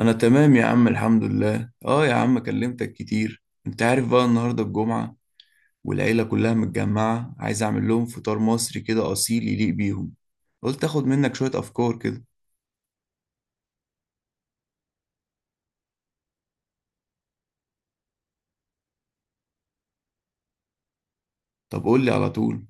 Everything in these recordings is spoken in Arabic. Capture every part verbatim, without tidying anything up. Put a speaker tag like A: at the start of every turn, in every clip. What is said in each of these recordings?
A: انا تمام يا عم الحمد لله، اه يا عم كلمتك كتير. انت عارف بقى النهارده الجمعة والعيلة كلها متجمعة، عايز اعمل لهم فطار مصري كده اصيل يليق بيهم. قلت اخد منك شوية افكار كده. طب قول لي على طول.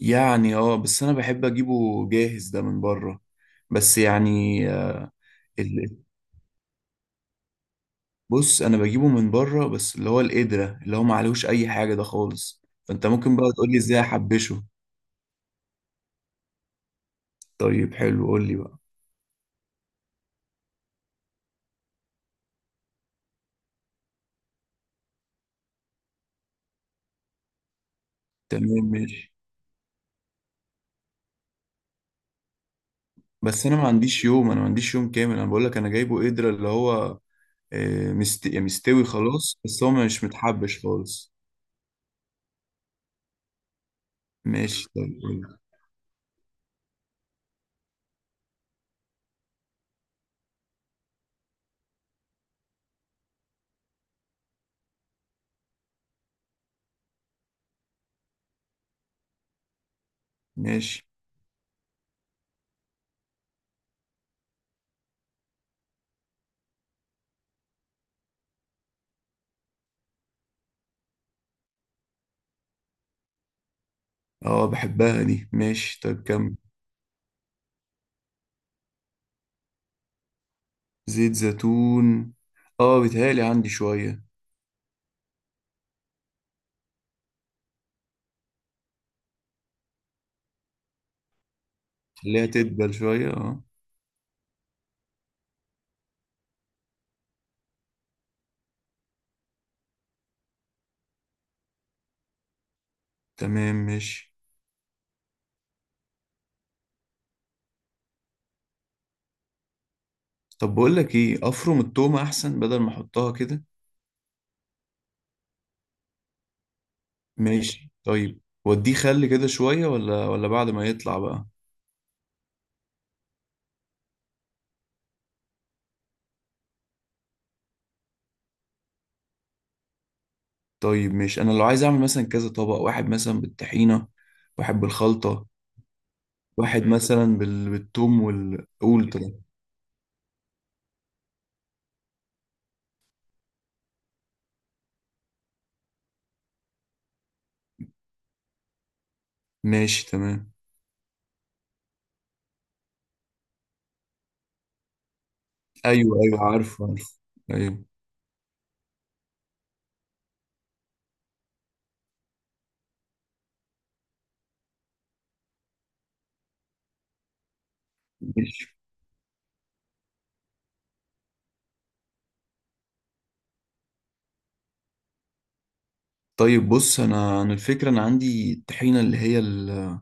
A: يعني اه بس انا بحب اجيبه جاهز ده من بره. بس يعني آه، ال- بص، انا بجيبه من بره بس اللي هو القدرة اللي هو ما عليهوش اي حاجة ده خالص، فانت ممكن بقى تقول لي ازاي احبشه. طيب حلو قول لي بقى. تمام ماشي. بس انا ما عنديش يوم، انا ما عنديش يوم كامل، انا بقول لك انا جايبه قدرة اللي هو آه، مست... يعني مستوي خلاص بس هو مش متحبش خالص. ماشي طيب قول. ماشي. اه بحبها دي، ماشي طيب كم. زيت زيتون، اه بيتهيألي عندي شوية. خليها تدبل شوية اه. تمام ماشي. طب بقول لك ايه، افرم التومة احسن بدل ما احطها كده. ماشي طيب، وديه خل كده شوية ولا ولا بعد ما يطلع بقى؟ طيب، مش انا لو عايز اعمل مثلا كذا طبق، واحد مثلا بالطحينة، واحد بالخلطة، واحد مثلا بال... بالثوم وال قول طيب. ماشي تمام. ايوه ايوه عارف عارف. ايوه. ماشي طيب. بص، انا انا الفكرة انا عندي الطحينة اللي هي ال...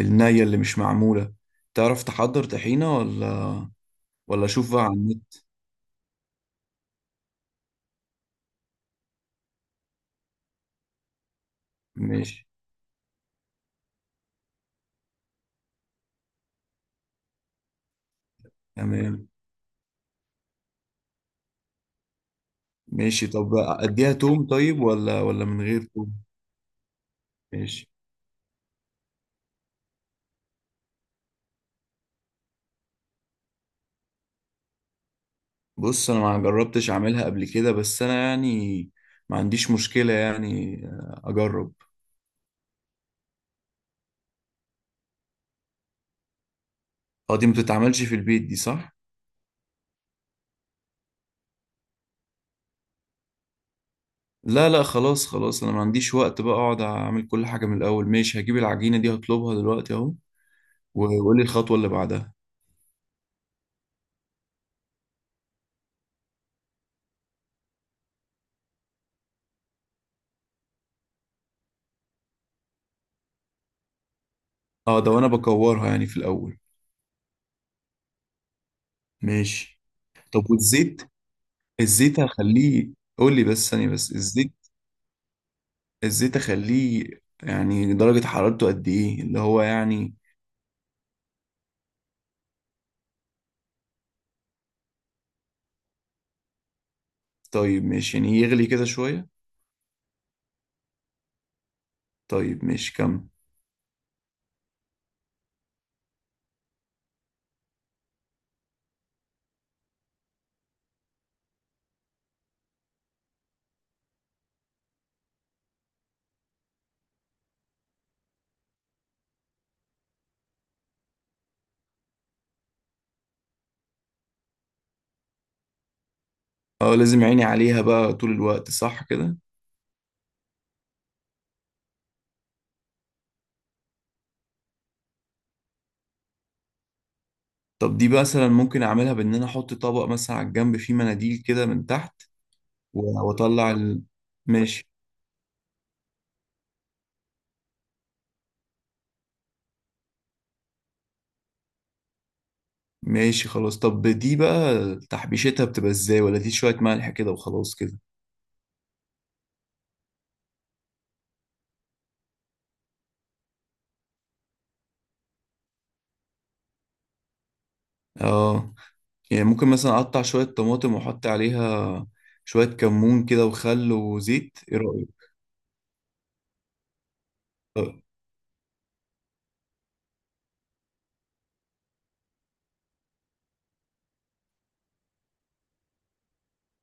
A: النية اللي مش معمولة. تعرف تحضر طحينة ولا ولا اشوف بقى على النت؟ ماشي تمام. ماشي، طب اديها توم طيب ولا ولا من غير توم؟ ماشي. بص، انا ما جربتش اعملها قبل كده، بس انا يعني ما عنديش مشكلة، يعني آه، اجرب. اه دي ما بتتعملش في البيت دي، صح؟ لا لا خلاص خلاص، انا ما عنديش وقت بقى اقعد اعمل كل حاجة من الاول. ماشي، هجيب العجينة دي هطلبها دلوقتي اهو. وقول لي الخطوة اللي بعدها. اه ده وانا بكورها يعني في الاول. ماشي. طب والزيت؟ الزيت هخليه. قول لي بس ثانية، بس الزيت. الزيت اخليه يعني درجة حرارته قد ايه، اللي هو يعني؟ طيب ماشي، يعني يغلي كده شوية. طيب ماشي كمل. اه لازم عيني عليها بقى طول الوقت، صح كده؟ طب دي بقى مثلا ممكن اعملها بان انا احط طبق مثلا على الجنب فيه مناديل كده من تحت؟ و- واطلع ال... ماشي ماشي خلاص. طب دي بقى تحبيشتها بتبقى ازاي، ولا دي شوية ملح كده وخلاص كده؟ اه، يعني ممكن مثلا اقطع شوية طماطم واحط عليها شوية كمون كده وخل وزيت، ايه رأيك؟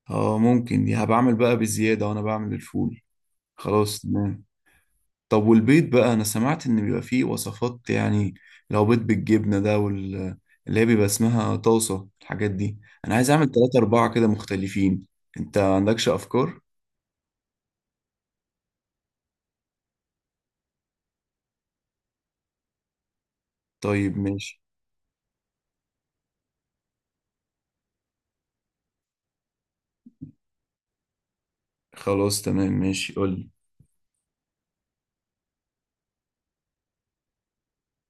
A: اه، ممكن دي هبعمل بقى بالزيادة وانا بعمل الفول. خلاص تمام. طب والبيض بقى، انا سمعت ان بيبقى فيه وصفات يعني. لو بيض بالجبنة ده وال اللي هي بيبقى اسمها طاسة الحاجات دي. انا عايز اعمل تلاتة اربعة كده مختلفين. انت عندكش افكار؟ طيب ماشي، خلاص تمام ماشي قولي.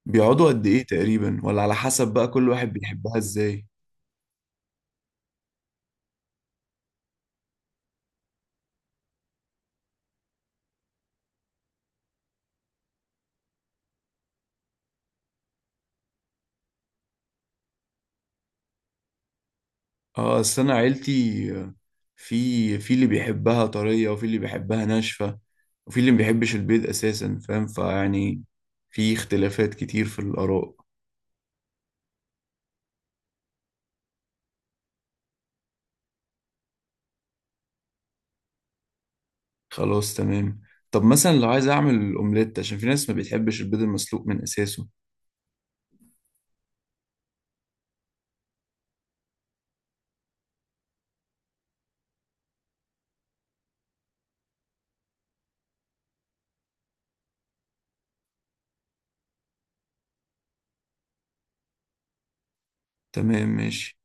A: بيقعدوا قد ايه تقريبا، ولا على حسب بقى كل واحد بيحبها ازاي؟ اه اصل انا عيلتي آه، في في اللي بيحبها طرية، وفي اللي بيحبها ناشفة، وفي اللي ما بيحبش البيض اساسا، فاهم فيعني. في اختلافات كتير في الاراء. خلاص تمام. طب مثلا لو عايز اعمل اومليت عشان في ناس ما بتحبش البيض المسلوق من اساسه. تمام ماشي.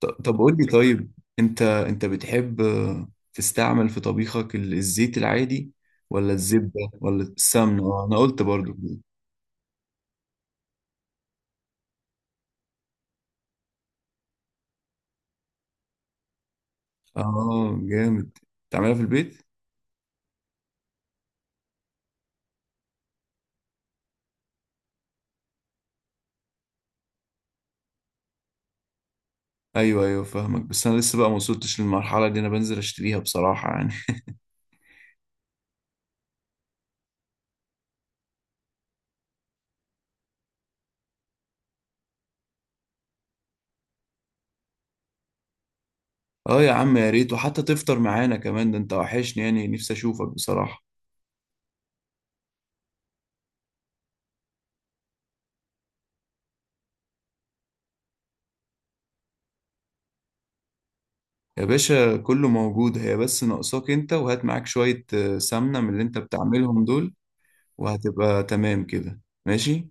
A: ط- طب قول لي طيب، انت انت بتحب آه، تستعمل في طبيخك ال- الزيت العادي ولا الزبدة ولا السمنة؟ آه، انا قلت برضو كده. اه جامد، تعملها في البيت. ايوه ايوه فاهمك، بس انا لسه بقى ما وصلتش للمرحلة دي، انا بنزل اشتريها بصراحة يعني. اه يا عم يا ريت، وحتى تفطر معانا كمان، ده انت وحشني يعني، نفسي اشوفك بصراحة. يا باشا كله موجود، هي بس ناقصاك انت، وهات معاك شوية آه، سمنة من اللي انت بتعملهم دول. وهتبقى تمام كده ماشي.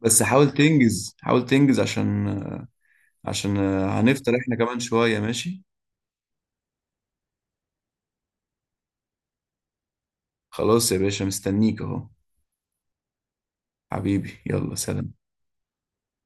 A: بس حاول تنجز، حاول تنجز عشان عشان آه، هنفطر احنا كمان شوية ماشي. خلاص يا باشا مستنيك اهو. حبيبي يلا سلام.